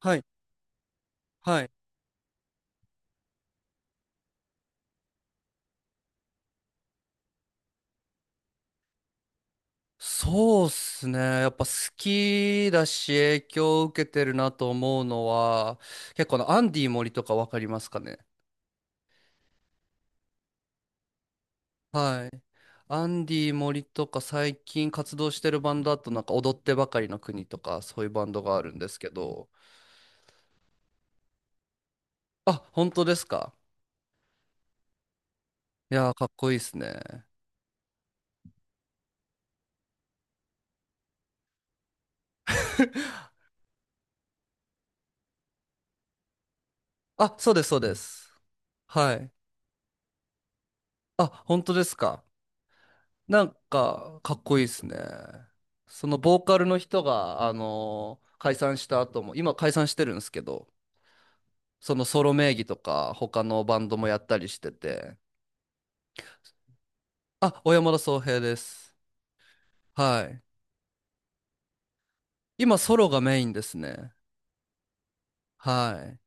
はい、はい。そうっすね。やっぱ好きだし影響を受けてるなと思うのは、結構アンディ森とかわかりますかね。はい。アンディ森とか最近活動してるバンドだとなんか踊ってばかりの国とかそういうバンドがあるんですけど。あ、本当ですか。いやー、かっこいいっすね。あ、そうです、そうです。はい。あ、本当ですか。なんか、かっこいいですね。そのボーカルの人が、解散した後も、今解散してるんですけど、そのソロ名義とか、他のバンドもやったりしてて。あ、小山田宗平です。はい。今ソロがメインですね。はい。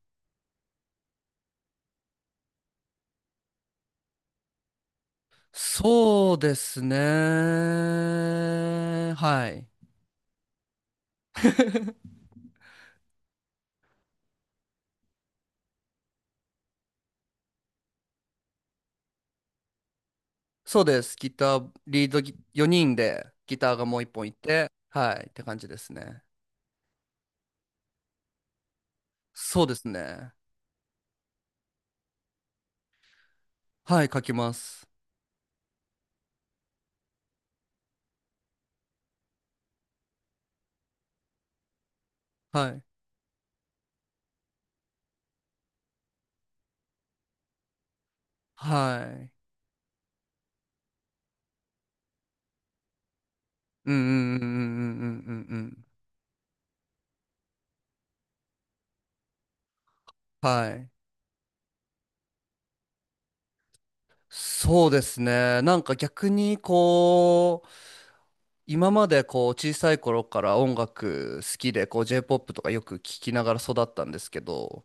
そうですね。はい。そうです。ギター、リードギ、4人でギターがもう1本いて、はい、って感じですね。そうですね。はい、書きます。はい。はい。うんうんうんうんうんうんうんうん。はい。そうですね。なんか逆にこう、今までこう小さい頃から音楽好きでこう J-POP とかよく聞きながら育ったんですけど、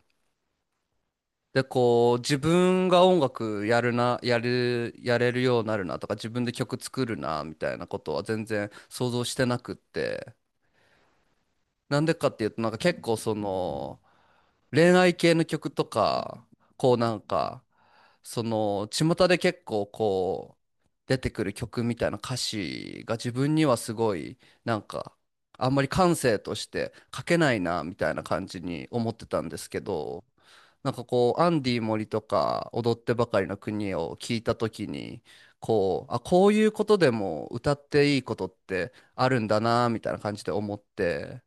でこう自分が音楽やれるようになるなとか自分で曲作るなみたいなことは全然想像してなくって、なんでかっていうとなんか結構その、恋愛系の曲とか、こうなんか、その、巷で結構こう、出てくる曲みたいな歌詞が自分にはすごい、なんか、あんまり感性として書けないな、みたいな感じに思ってたんですけど、なんかこう、アンディ森とか、踊ってばかりの国を聞いたときに、こう、あ、こういうことでも歌っていいことってあるんだな、みたいな感じで思って、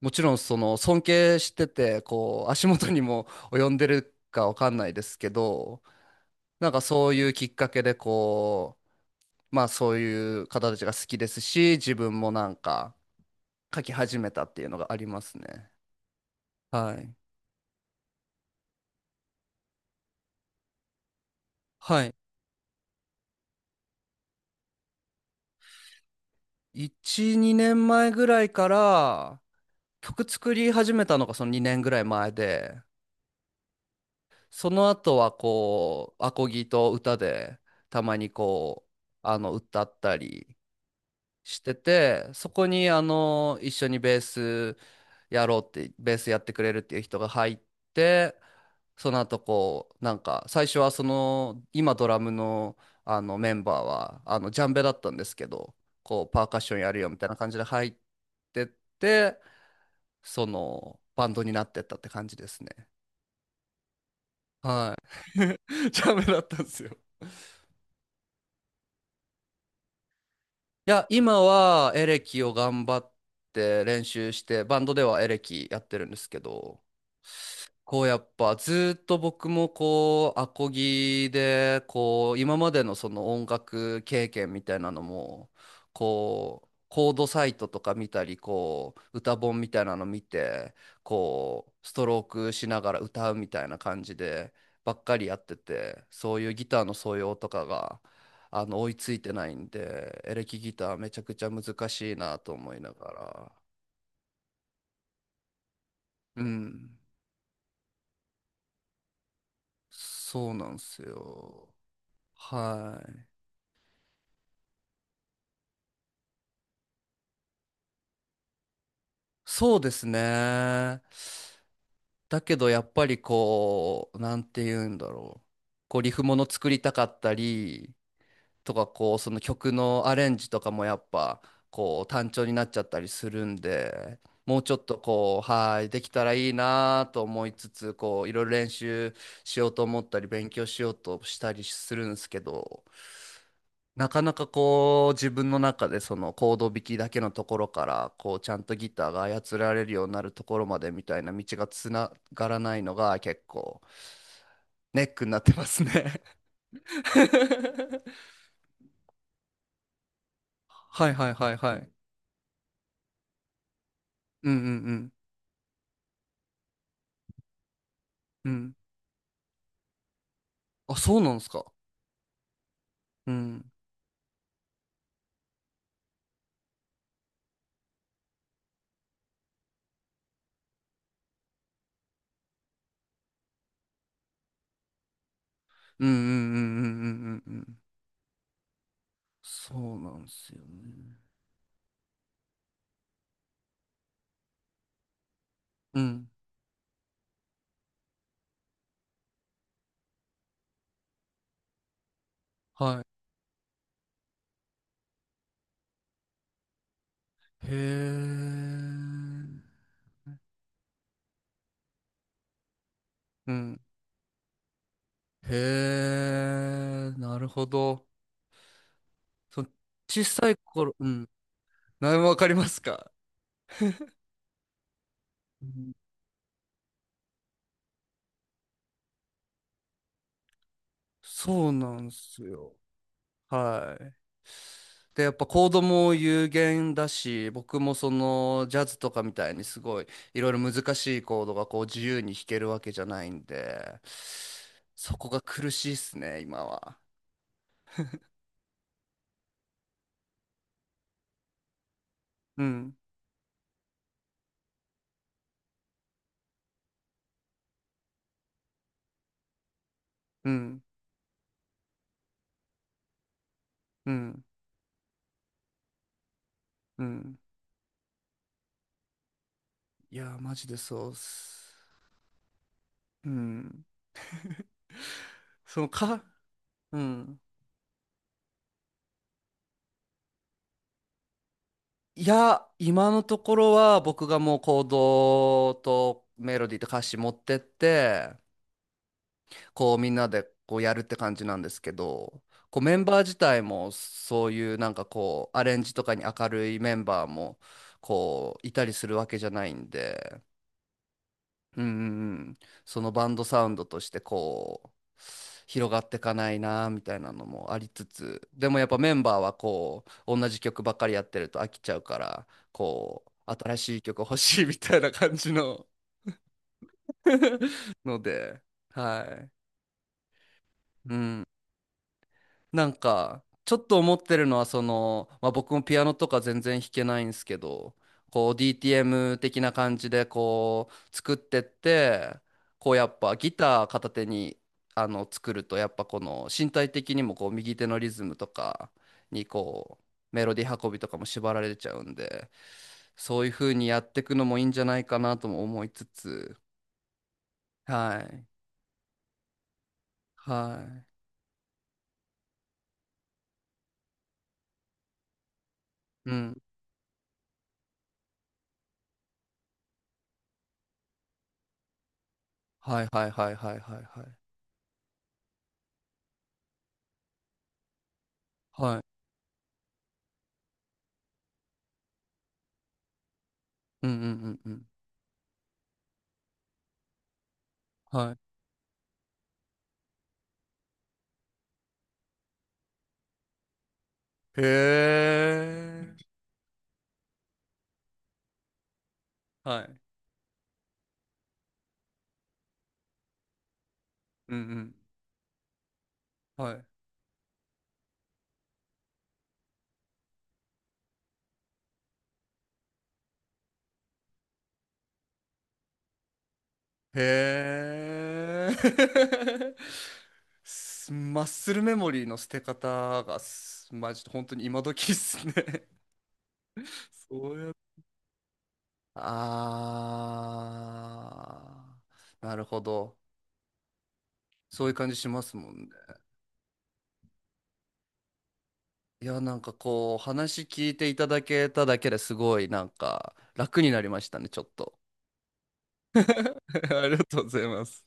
もちろんその尊敬しててこう足元にも及んでるかわかんないですけど、なんかそういうきっかけでこう、まあそういう方たちが好きですし、自分もなんか書き始めたっていうのがありますね。はいはい、1、2年前ぐらいから曲作り始めたのがその2年ぐらい前で、その後はこうアコギと歌でたまにこう歌ったりしてて、そこに一緒にベースやろうって、ベースやってくれるっていう人が入って、その後こう、なんか、最初はその、今ドラムのあのメンバーは、ジャンベだったんですけど、こう、パーカッションやるよみたいな感じで入ってって、その、バンドになってったって感じですね。はい。ジャンベだったんですよ。いや、今はエレキを頑張って練習して、バンドではエレキやってるんですけど、こうやっぱずっと僕もこうアコギでこう今までのその音楽経験みたいなのも、こうコードサイトとか見たりこう歌本みたいなの見てこうストロークしながら歌うみたいな感じでばっかりやってて、そういうギターの素養とかが追いついてないんで、エレキギターめちゃくちゃ難しいなと思いながら。うん、そうなんですよ。はい、そうですね。だけどやっぱりこう、なんて言うんだろう。こうリフもの作りたかったりとか、こうその曲のアレンジとかもやっぱこう単調になっちゃったりするんで、もうちょっとこう、はい、できたらいいなと思いつつ、こういろいろ練習しようと思ったり、勉強しようとしたりするんですけど、なかなかこう自分の中でそのコード弾きだけのところからこうちゃんとギターが操られるようになるところまでみたいな道がつながらないのが結構ネックになってますね。 はいはいはいはい。うんうんうんうん。あ、そうなんですか。うん。うんうんうんうんうんうんうん。そうなんですよね。うん。はい。へえ。うん。へえ。なるほど。その小さい頃、うん。何もわかりますか。うん、そうなんですよ。はい。で、やっぱコードも有限だし、僕もそのジャズとかみたいにすごいいろいろ難しいコードがこう自由に弾けるわけじゃないんで、そこが苦しいっすね、今は。うん、うん、うん、うん。いやー、マジでそうっす。うん。そのか、うん。いや、今のところは僕がもうコードとメロディーと歌詞持ってって、こうみんなでこうやるって感じなんですけど、こうメンバー自体もそういうなんかこうアレンジとかに明るいメンバーもこういたりするわけじゃないんで、うんうんうん、そのバンドサウンドとしてこう広がってかないなみたいなのもありつつ、でもやっぱメンバーはこう同じ曲ばっかりやってると飽きちゃうから、こう新しい曲欲しいみたいな感じの。 ので、はい、うん。なんか、ちょっと思ってるのは、その、まあ、僕もピアノとか全然弾けないんですけど、こう DTM 的な感じでこう作ってって、こうやっぱギター片手に作ると、やっぱこの身体的にもこう右手のリズムとかにこうメロディー運びとかも縛られちゃうんで、そういう風にやっていくのもいいんじゃないかなとも思いつつ、はい。はい。うん。はいはいはいはいはいはい。はい。うんうんうんうん。はい。へえ。はい。うんうん。はい。へえ。マッスルメモリーの捨て方がマジで本当に今時っすね。 そうや。あー、なるほど。そういう感じしますもんね。いや、なんかこう、話聞いていただけただけですごい、なんか楽になりましたね、ちょっと。ありがとうございます。